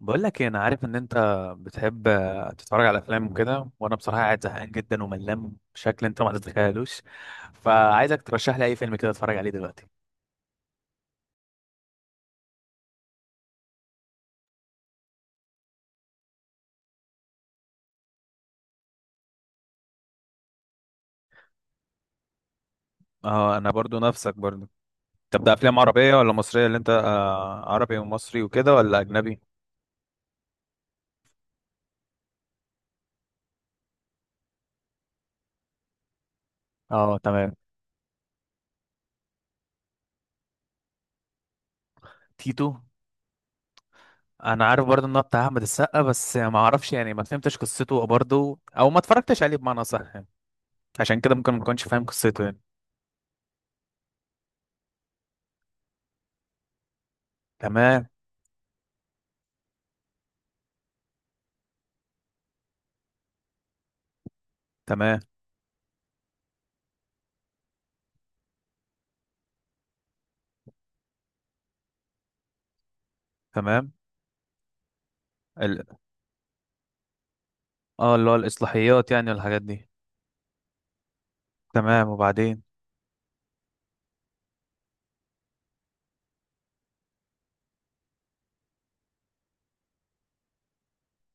بقول لك إيه، انا عارف ان انت بتحب تتفرج على افلام وكده. وانا بصراحه قاعد زهقان جدا وملان بشكل انت ما تتخيلوش، فعايزك ترشح لي اي فيلم كده اتفرج عليه دلوقتي. اه، انا برضو نفسك برضو. طب ده افلام عربية ولا مصرية اللي انت عربي ومصري وكده ولا اجنبي؟ اه، تمام. تيتو؟ انا عارف برضه ان هو بتاع احمد السقا، بس ما اعرفش يعني، ما فهمتش قصته برضه او ما اتفرجتش عليه بمعنى صح يعني. عشان كده ممكن ما كنتش فاهم قصته يعني. تمام. تمام. تمام. اه، اللي هو الإصلاحيات يعني والحاجات دي. تمام، وبعدين؟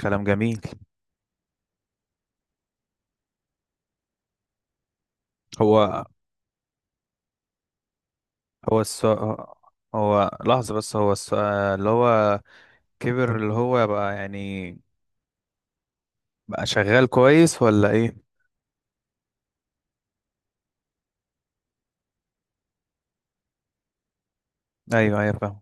كلام جميل. هو هو السؤال. هو، لحظة بس، هو السؤال. اللي هو كبر اللي هو بقى يعني؟ بقى شغال كويس ولا ايه؟ ايوه، ايوه، فاهم.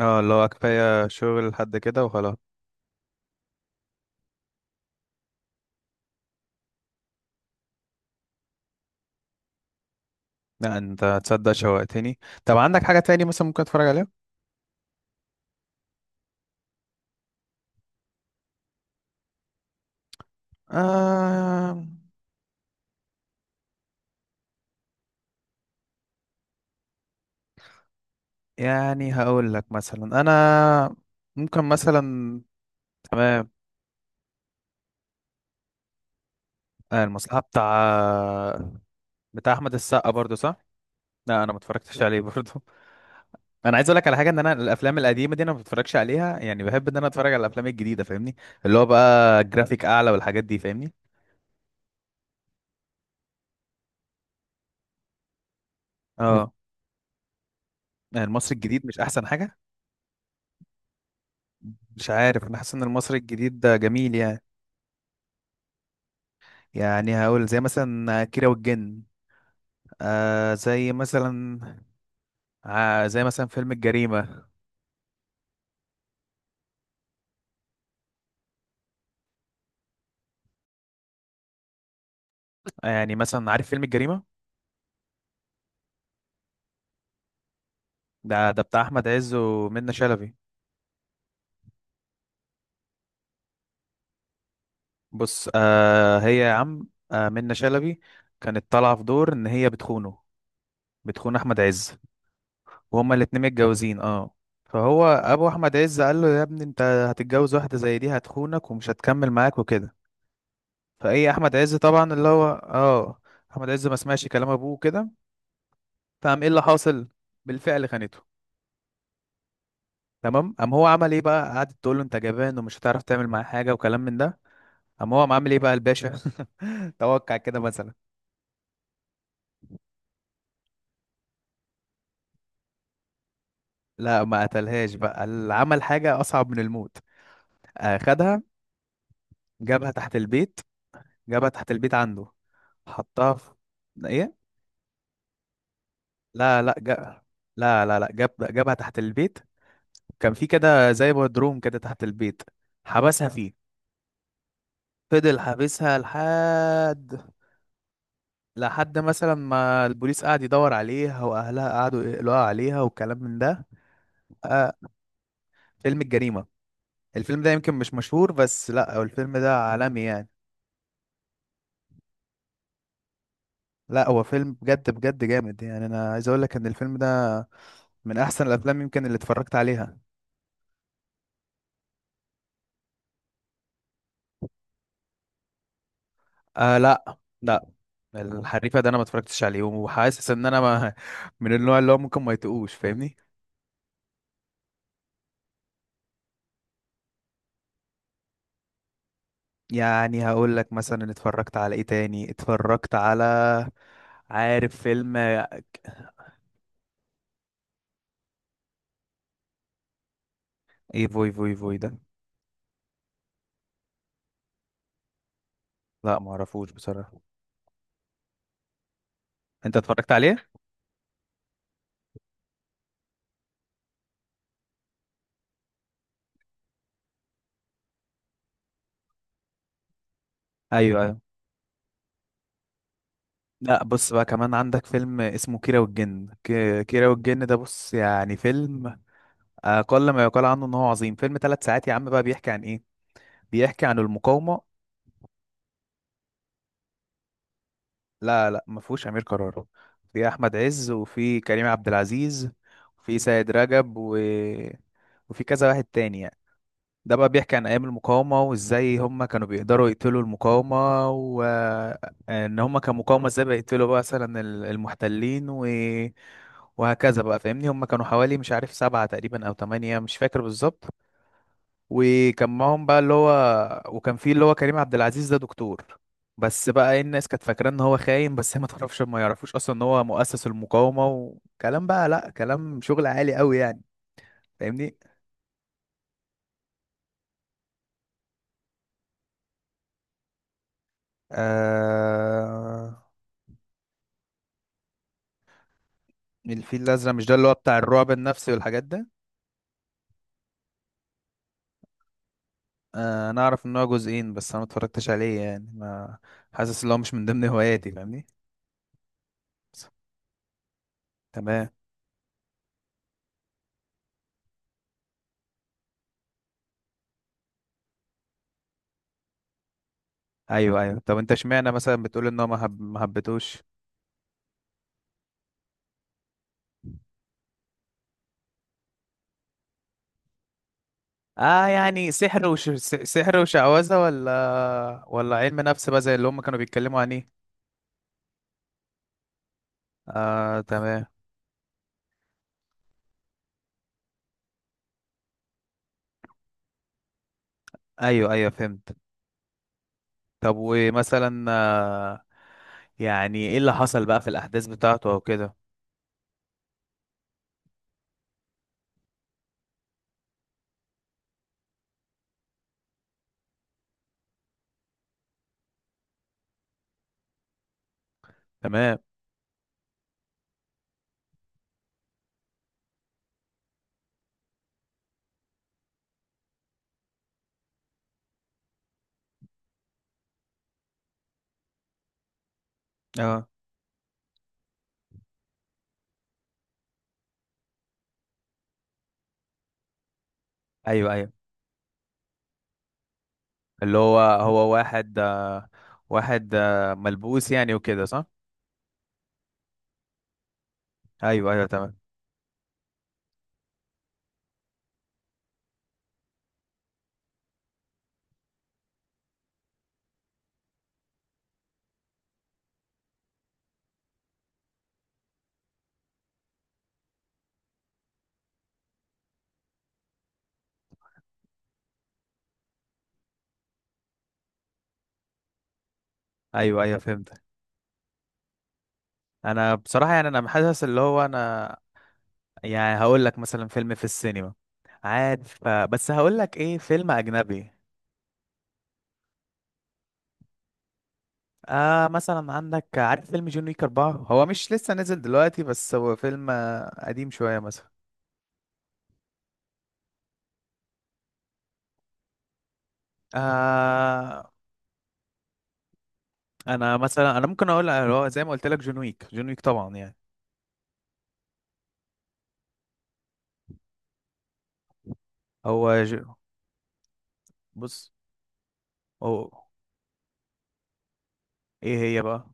اه، اللي هو كفاية شغل لحد كده وخلاص. لا انت تصدق، شوقتني. طب عندك حاجة تاني مثلا ممكن اتفرج عليها؟ آه يعني هقول لك مثلا انا ممكن مثلا. تمام. المصلحة؟ بتاع احمد السقا برضو، صح؟ لا انا ما اتفرجتش عليه برضه. انا عايز اقول لك على حاجه، ان انا الافلام القديمه دي انا ما بتفرجش عليها، يعني بحب ان انا اتفرج على الافلام الجديده، فاهمني؟ اللي هو بقى جرافيك اعلى والحاجات دي، فاهمني؟ اه. يعني المصري الجديد مش احسن حاجه؟ مش عارف، انا حاسس ان المصري الجديد ده جميل يعني. يعني هقول زي مثلا كيرة والجن. زي مثلا. زي مثلا فيلم الجريمه. يعني مثلا عارف فيلم الجريمه؟ ده بتاع احمد عز ومنة شلبي. بص هي يا عم. منة شلبي كانت طالعه في دور ان هي بتخونه، بتخون احمد عز. وهما الاتنين متجوزين، اه. فهو ابو احمد عز قال له يا ابني، انت هتتجوز واحده زي دي هتخونك ومش هتكمل معاك وكده. فايه احمد عز طبعا اللي هو احمد عز ما سمعش كلام ابوه كده. فقام ايه اللي حاصل؟ بالفعل خانته. تمام، قام هو عمل ايه بقى؟ قعدت تقول له انت جبان ومش هتعرف تعمل معاه حاجه وكلام من ده. قام هو عامل ايه بقى الباشا؟ توقع كده مثلا. لا ما قتلهاش بقى، عمل حاجه اصعب من الموت. خدها، جابها تحت البيت. جابها تحت البيت عنده. حطها في… ايه؟ لا لا، لا لا لا، جابها تحت البيت. كان في كده زي بدروم كده تحت البيت، حبسها فيه. فضل حابسها لحد… لحد مثلا ما البوليس قعد يدور عليها واهلها قعدوا يقلقوا عليها والكلام من ده. آه فيلم الجريمة. الفيلم ده يمكن مش مشهور، بس لا هو الفيلم ده عالمي يعني. لا هو فيلم بجد بجد جامد يعني، انا عايز اقول لك ان الفيلم ده من احسن الافلام يمكن اللي اتفرجت عليها. لا لا، الحريفه ده انا ما اتفرجتش عليه، وحاسس ان انا ما من النوع اللي هو ممكن ما يتقوش، فاهمني؟ يعني هقول لك مثلا اتفرجت على ايه تاني، اتفرجت على… عارف فيلم؟ ايه فوي فوي فوي ده؟ لا ما اعرفوش بصراحه. انت اتفرجت عليه؟ ايوه، ايوه. لا بص بقى، كمان عندك فيلم اسمه كيرة والجن. كيرة والجن ده بص يعني فيلم اقل ما يقال عنه ان هو عظيم. فيلم ثلاث ساعات يا عم، بقى بيحكي عن ايه؟ بيحكي عن المقاومه. لا لا، ما فيهوش امير كرارة. في احمد عز وفي كريم عبد العزيز. وفي سيد رجب و… وفي كذا واحد تاني يعني. ده بقى بيحكي عن ايام المقاومة، وازاي هم كانوا بيقدروا يقتلوا المقاومة، وان هم كمقاومة ازاي بيقتلوا بقى مثلا المحتلين و… وهكذا بقى، فاهمني؟ هم كانوا حوالي مش عارف سبعة تقريبا او تمانية، مش فاكر بالظبط. وكان معاهم بقى اللي هو… وكان فيه اللي هو كريم عبد العزيز ده دكتور. بس بقى ايه، الناس كانت فاكرة ان هو خاين، بس هي ما تعرفش، ما يعرفوش اصلا ان هو مؤسس المقاومة. وكلام بقى، لا كلام شغل عالي قوي يعني، فاهمني؟ آه... الفيل الازرق؟ مش ده اللي هو بتاع الرعب النفسي والحاجات ده؟ انا اعرف ان هو جزئين، بس انا ما اتفرجتش عليه يعني، ما… حاسس ان هو مش من ضمن هواياتي، فاهمني؟ تمام. ايوه ايوه، طب انت اشمعنى مثلا بتقول ان هو ما حبيتهوش؟ اه يعني سحر سحر وشعوذة ولا علم نفس بقى، زي اللي هم كانوا بيتكلموا عن ايه؟ اه تمام. ايوه ايوه فهمت. طب ومثلا يعني ايه اللي حصل بقى في الاحداث بتاعته او كده؟ تمام. اه، ايوه ايوه، اللي هو واحد ملبوس يعني وكده، صح؟ ايوه ايوه تمام. ايوه ايوه فهمت. انا بصراحة يعني انا حاسس اللي هو انا… يعني هقول لك مثلا فيلم في السينما. عارف بس هقول لك ايه، فيلم اجنبي. مثلا عندك، عارف فيلم جون ويك 4؟ هو مش لسه نزل دلوقتي، بس هو فيلم قديم شوية مثلا. آه انا مثلا انا ممكن هو زي ما قلت لك جون ويك. جون ويك طبعا يعني. هو ج... بص، هو… ايه هي بقى؟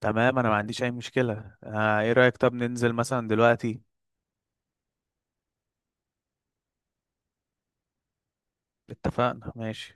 تمام، انا ما عنديش اي مشكلة. ايه رأيك طب ننزل مثلا دلوقتي؟ اتفقنا. ماشي.